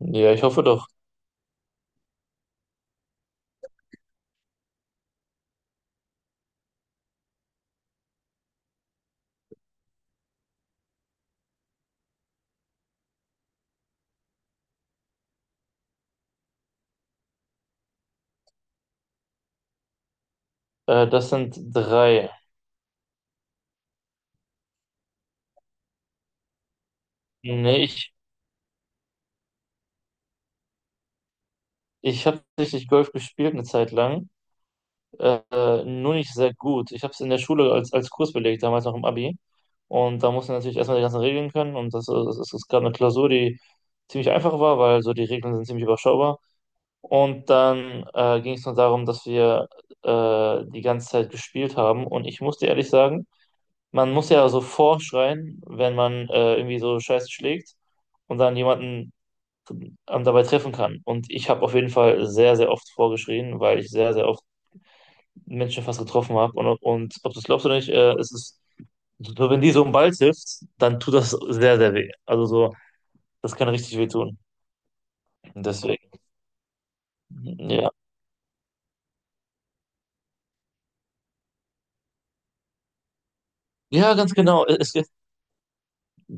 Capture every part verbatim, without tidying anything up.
Ja, ich hoffe doch. Äh, das sind drei. Nee, ich, ich habe tatsächlich Golf gespielt eine Zeit lang, äh, nur nicht sehr gut. Ich habe es in der Schule als, als Kurs belegt, damals noch im Abi. Und da musste natürlich erstmal die ganzen Regeln können. Und das, das, das, es gab eine Klausur, die ziemlich einfach war, weil so die Regeln sind ziemlich überschaubar. Und dann äh, ging es nur darum, dass wir äh, die ganze Zeit gespielt haben. Und ich muss dir ehrlich sagen, man muss ja so vorschreien, wenn man äh, irgendwie so Scheiße schlägt und dann jemanden ähm, dabei treffen kann. Und ich habe auf jeden Fall sehr, sehr oft vorgeschrien, weil ich sehr, sehr oft Menschen fast getroffen habe. Und, und ob du es glaubst oder nicht, äh, es ist, so, wenn die so einen Ball trifft, dann tut das sehr, sehr weh. Also so, das kann richtig weh tun. Deswegen, ja. Ja, ganz genau. Es, es,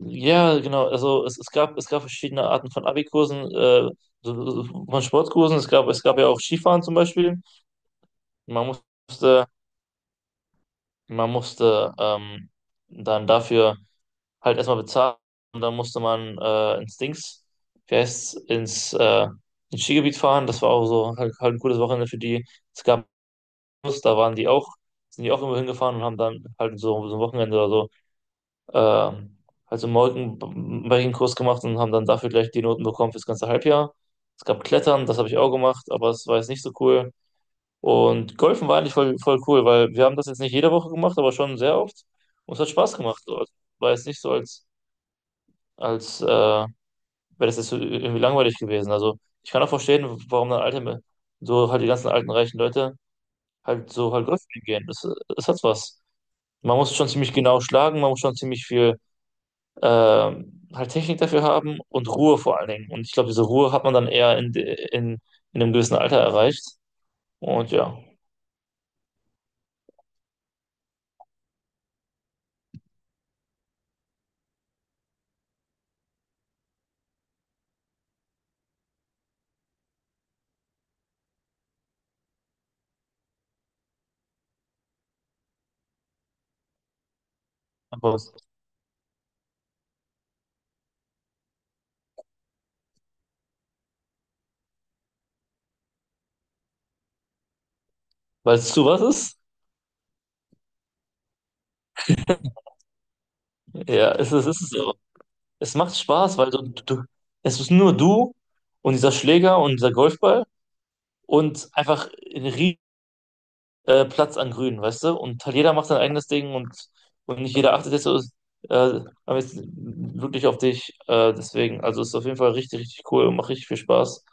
ja, genau. Also es, es gab, es gab verschiedene Arten von Abi-Kursen, äh, so- so von Sportkursen. Es gab, es gab ja auch Skifahren zum Beispiel. Man musste, man musste ähm, dann dafür halt erstmal bezahlt und dann musste man äh, ins Dings, wie heißt's, ins, äh, ins Skigebiet fahren. Das war auch so halt, halt ein cooles Wochenende für die. Es gab Bus, da waren die auch, sind die auch immer hingefahren und haben dann halt so, so ein Wochenende oder so, äh, halt so einen Mountainbiking-Kurs gemacht und haben dann dafür gleich die Noten bekommen fürs ganze Halbjahr. Es gab Klettern, das habe ich auch gemacht, aber es war jetzt nicht so cool. Und Golfen war eigentlich voll, voll cool, weil wir haben das jetzt nicht jede Woche gemacht, aber schon sehr oft. Und es hat Spaß gemacht. So. Also, war jetzt nicht so als, als äh, weil das ist so äh, irgendwie langweilig gewesen. Also ich kann auch verstehen, warum dann alte, so halt die ganzen alten reichen Leute halt so halt Golfspielen gehen. Das, das hat was. Man muss schon ziemlich genau schlagen, man muss schon ziemlich viel ähm, halt Technik dafür haben und Ruhe vor allen Dingen. Und ich glaube, diese Ruhe hat man dann eher in, de- in, in einem gewissen Alter erreicht. Und ja, aber weil es du, was ist? Ja, es ist, es ist so. Es macht Spaß, weil du, du, es ist nur du und dieser Schläger und dieser Golfball und einfach ein äh, Platz an Grün, weißt du? Und halt jeder macht sein eigenes Ding und, und nicht jeder achtet jetzt so äh, aber jetzt wirklich auf dich. Äh, deswegen, also ist auf jeden Fall richtig, richtig cool und macht richtig viel Spaß.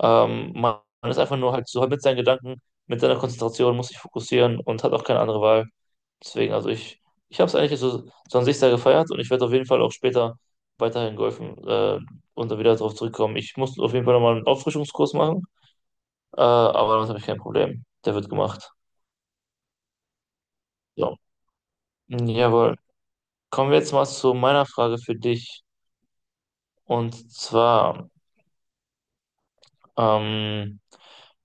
Ähm, man, man ist einfach nur halt so halt mit seinen Gedanken, mit seiner Konzentration, muss sich fokussieren und hat auch keine andere Wahl. Deswegen, also ich, ich habe es eigentlich so, so an sich sehr gefeiert und ich werde auf jeden Fall auch später weiterhin golfen äh, und da wieder darauf zurückkommen. Ich muss auf jeden Fall nochmal einen Auffrischungskurs machen, äh, aber damit habe ich kein Problem. Der wird gemacht. So. Jawohl. Kommen wir jetzt mal zu meiner Frage für dich. Und zwar, ähm,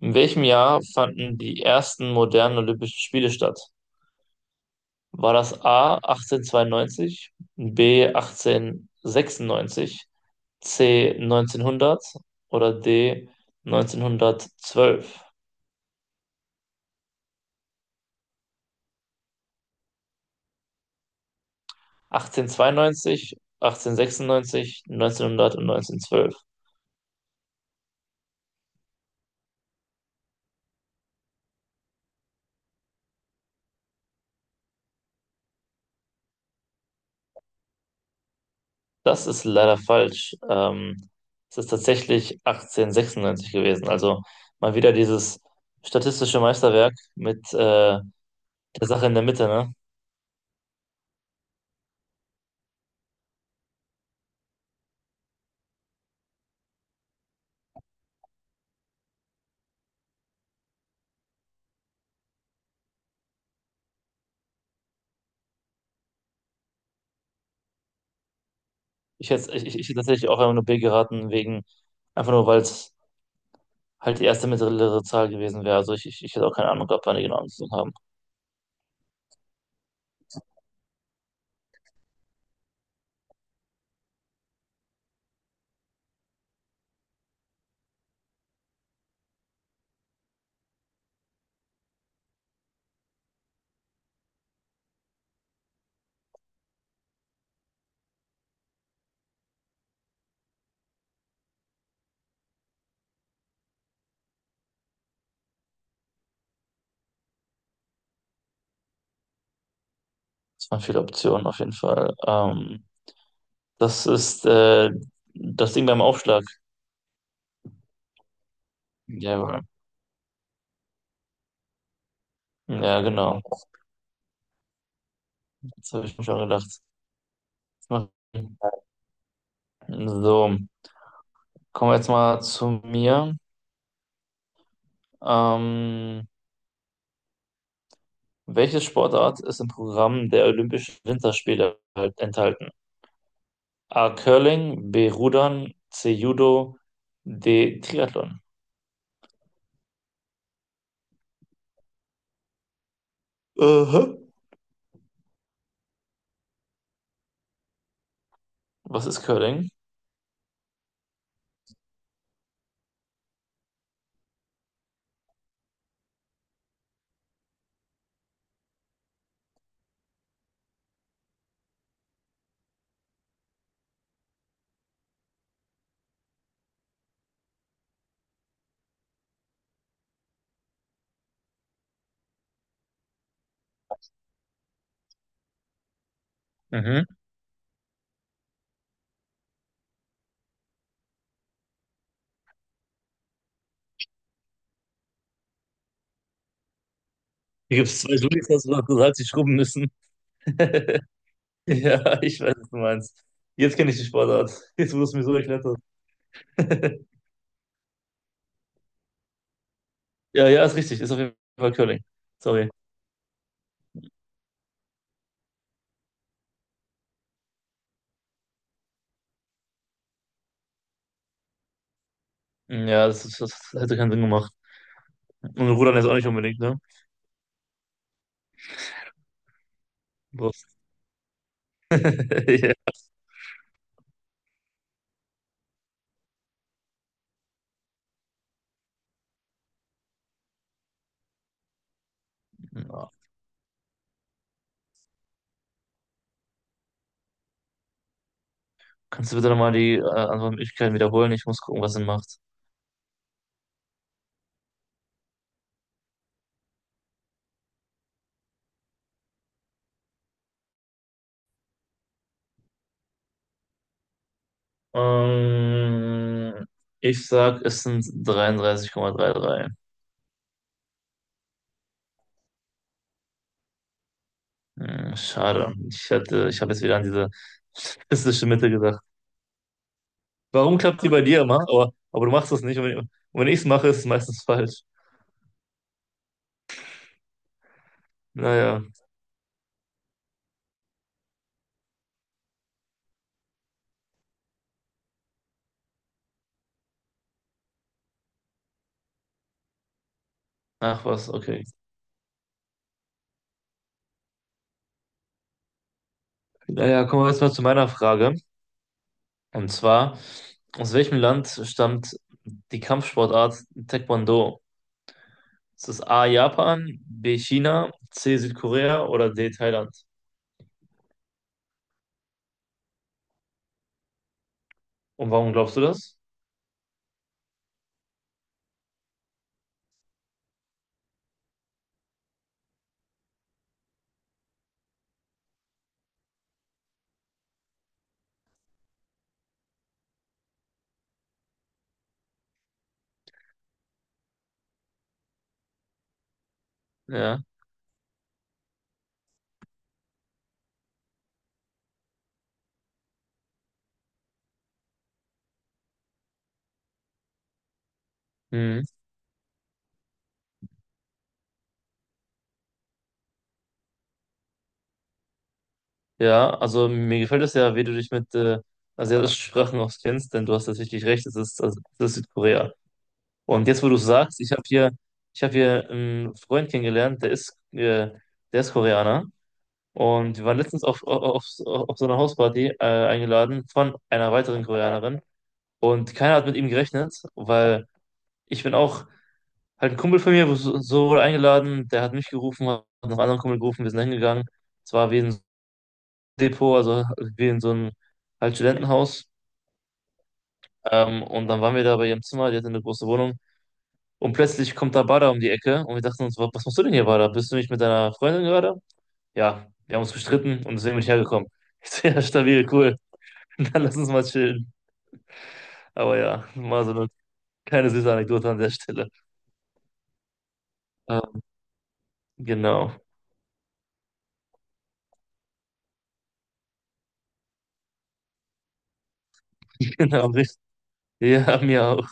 in welchem Jahr fanden die ersten modernen Olympischen Spiele statt? War das A achtzehnhundertzweiundneunzig, B achtzehnhundertsechsundneunzig, C neunzehnhundert oder D neunzehnhundertzwölf? achtzehnhundertzweiundneunzig, achtzehnhundertsechsundneunzig, neunzehnhundert und neunzehnhundertzwölf. Das ist leider falsch. Ähm, es ist tatsächlich achtzehnhundertsechsundneunzig gewesen. Also mal wieder dieses statistische Meisterwerk mit äh, der Sache in der Mitte, ne? Ich hätte, ich, ich ich hätte tatsächlich auch einfach nur B geraten, wegen, einfach nur, weil es halt die erste mittlere Zahl gewesen wäre. Also ich, ich, ich hätte auch keine Ahnung gehabt, wann die genau angefangen haben. Es waren viele Optionen auf jeden Fall. Ähm, das ist äh, das Ding beim Aufschlag. Jawohl. Ja, genau. Das habe ich mir schon gedacht. Das macht Sinn. So. Kommen wir jetzt mal zu mir. Ähm, welche Sportart ist im Programm der Olympischen Winterspiele halt enthalten? A. Curling, B. Rudern, C. Judo, D. Triathlon. Aha. Was ist Curling? Mhm. Hier gibt es zwei Julis, hast du noch gesagt, die schrubben müssen. Ja, ich weiß, was du meinst. Jetzt kenne ich die Sportart. Jetzt wurde es mir so erklärt. Ja, ja, ist richtig. Ist auf jeden Fall Curling. Sorry. Ja, das, ist, das hätte keinen Sinn gemacht. Und Rudern ist auch nicht unbedingt, ne? Ja. Ja. Kannst du bitte nochmal die äh, Antwortmöglichkeiten wiederholen? Ich muss gucken, was Sinn macht. Ähm, ich sag, es sind dreiunddreißig Komma dreiunddreißig. Hm, schade. Ich hätte, ich habe jetzt wieder an diese statistische Mitte gedacht. Warum klappt die bei dir immer? Aber, aber du machst das nicht. Und wenn, und wenn ich es mache, ist es meistens falsch. Naja, ach was, okay. Naja, kommen wir jetzt mal zu meiner Frage. Und zwar, aus welchem Land stammt die Kampfsportart Taekwondo? Ist das A Japan, B China, C Südkorea oder D Thailand? Und warum glaubst du das? Ja. Hm. Ja, also mir gefällt es ja, wie du dich mit äh, asiatischen Sprachen auskennst, denn du hast tatsächlich recht, es ist, also, es ist Südkorea. Und jetzt, wo du es sagst, ich habe hier, ich habe hier einen Freund kennengelernt, der ist, äh, der ist Koreaner. Und wir waren letztens auf, auf, auf, auf so einer Hausparty äh, eingeladen von einer weiteren Koreanerin. Und keiner hat mit ihm gerechnet, weil ich bin auch halt ein Kumpel von mir wurde so so wurde eingeladen, der hat mich gerufen, hat noch einen anderen Kumpel gerufen, wir sind hingegangen. Es war wie ein Depot, also wie in so einem halt Studentenhaus. Ähm, und dann waren wir da bei ihrem Zimmer, die hatte eine große Wohnung. Und plötzlich kommt da Bader um die Ecke und wir dachten uns, wa- was machst du denn hier, Bader? Bist du nicht mit deiner Freundin gerade? Ja, wir haben uns gestritten und deswegen bin ich hergekommen. Ich so, ja, stabil, cool. Dann lass uns mal chillen. Aber ja, mal so eine kleine süße Anekdote an der Stelle. Ähm, genau, genau, richtig. Ja, mir auch.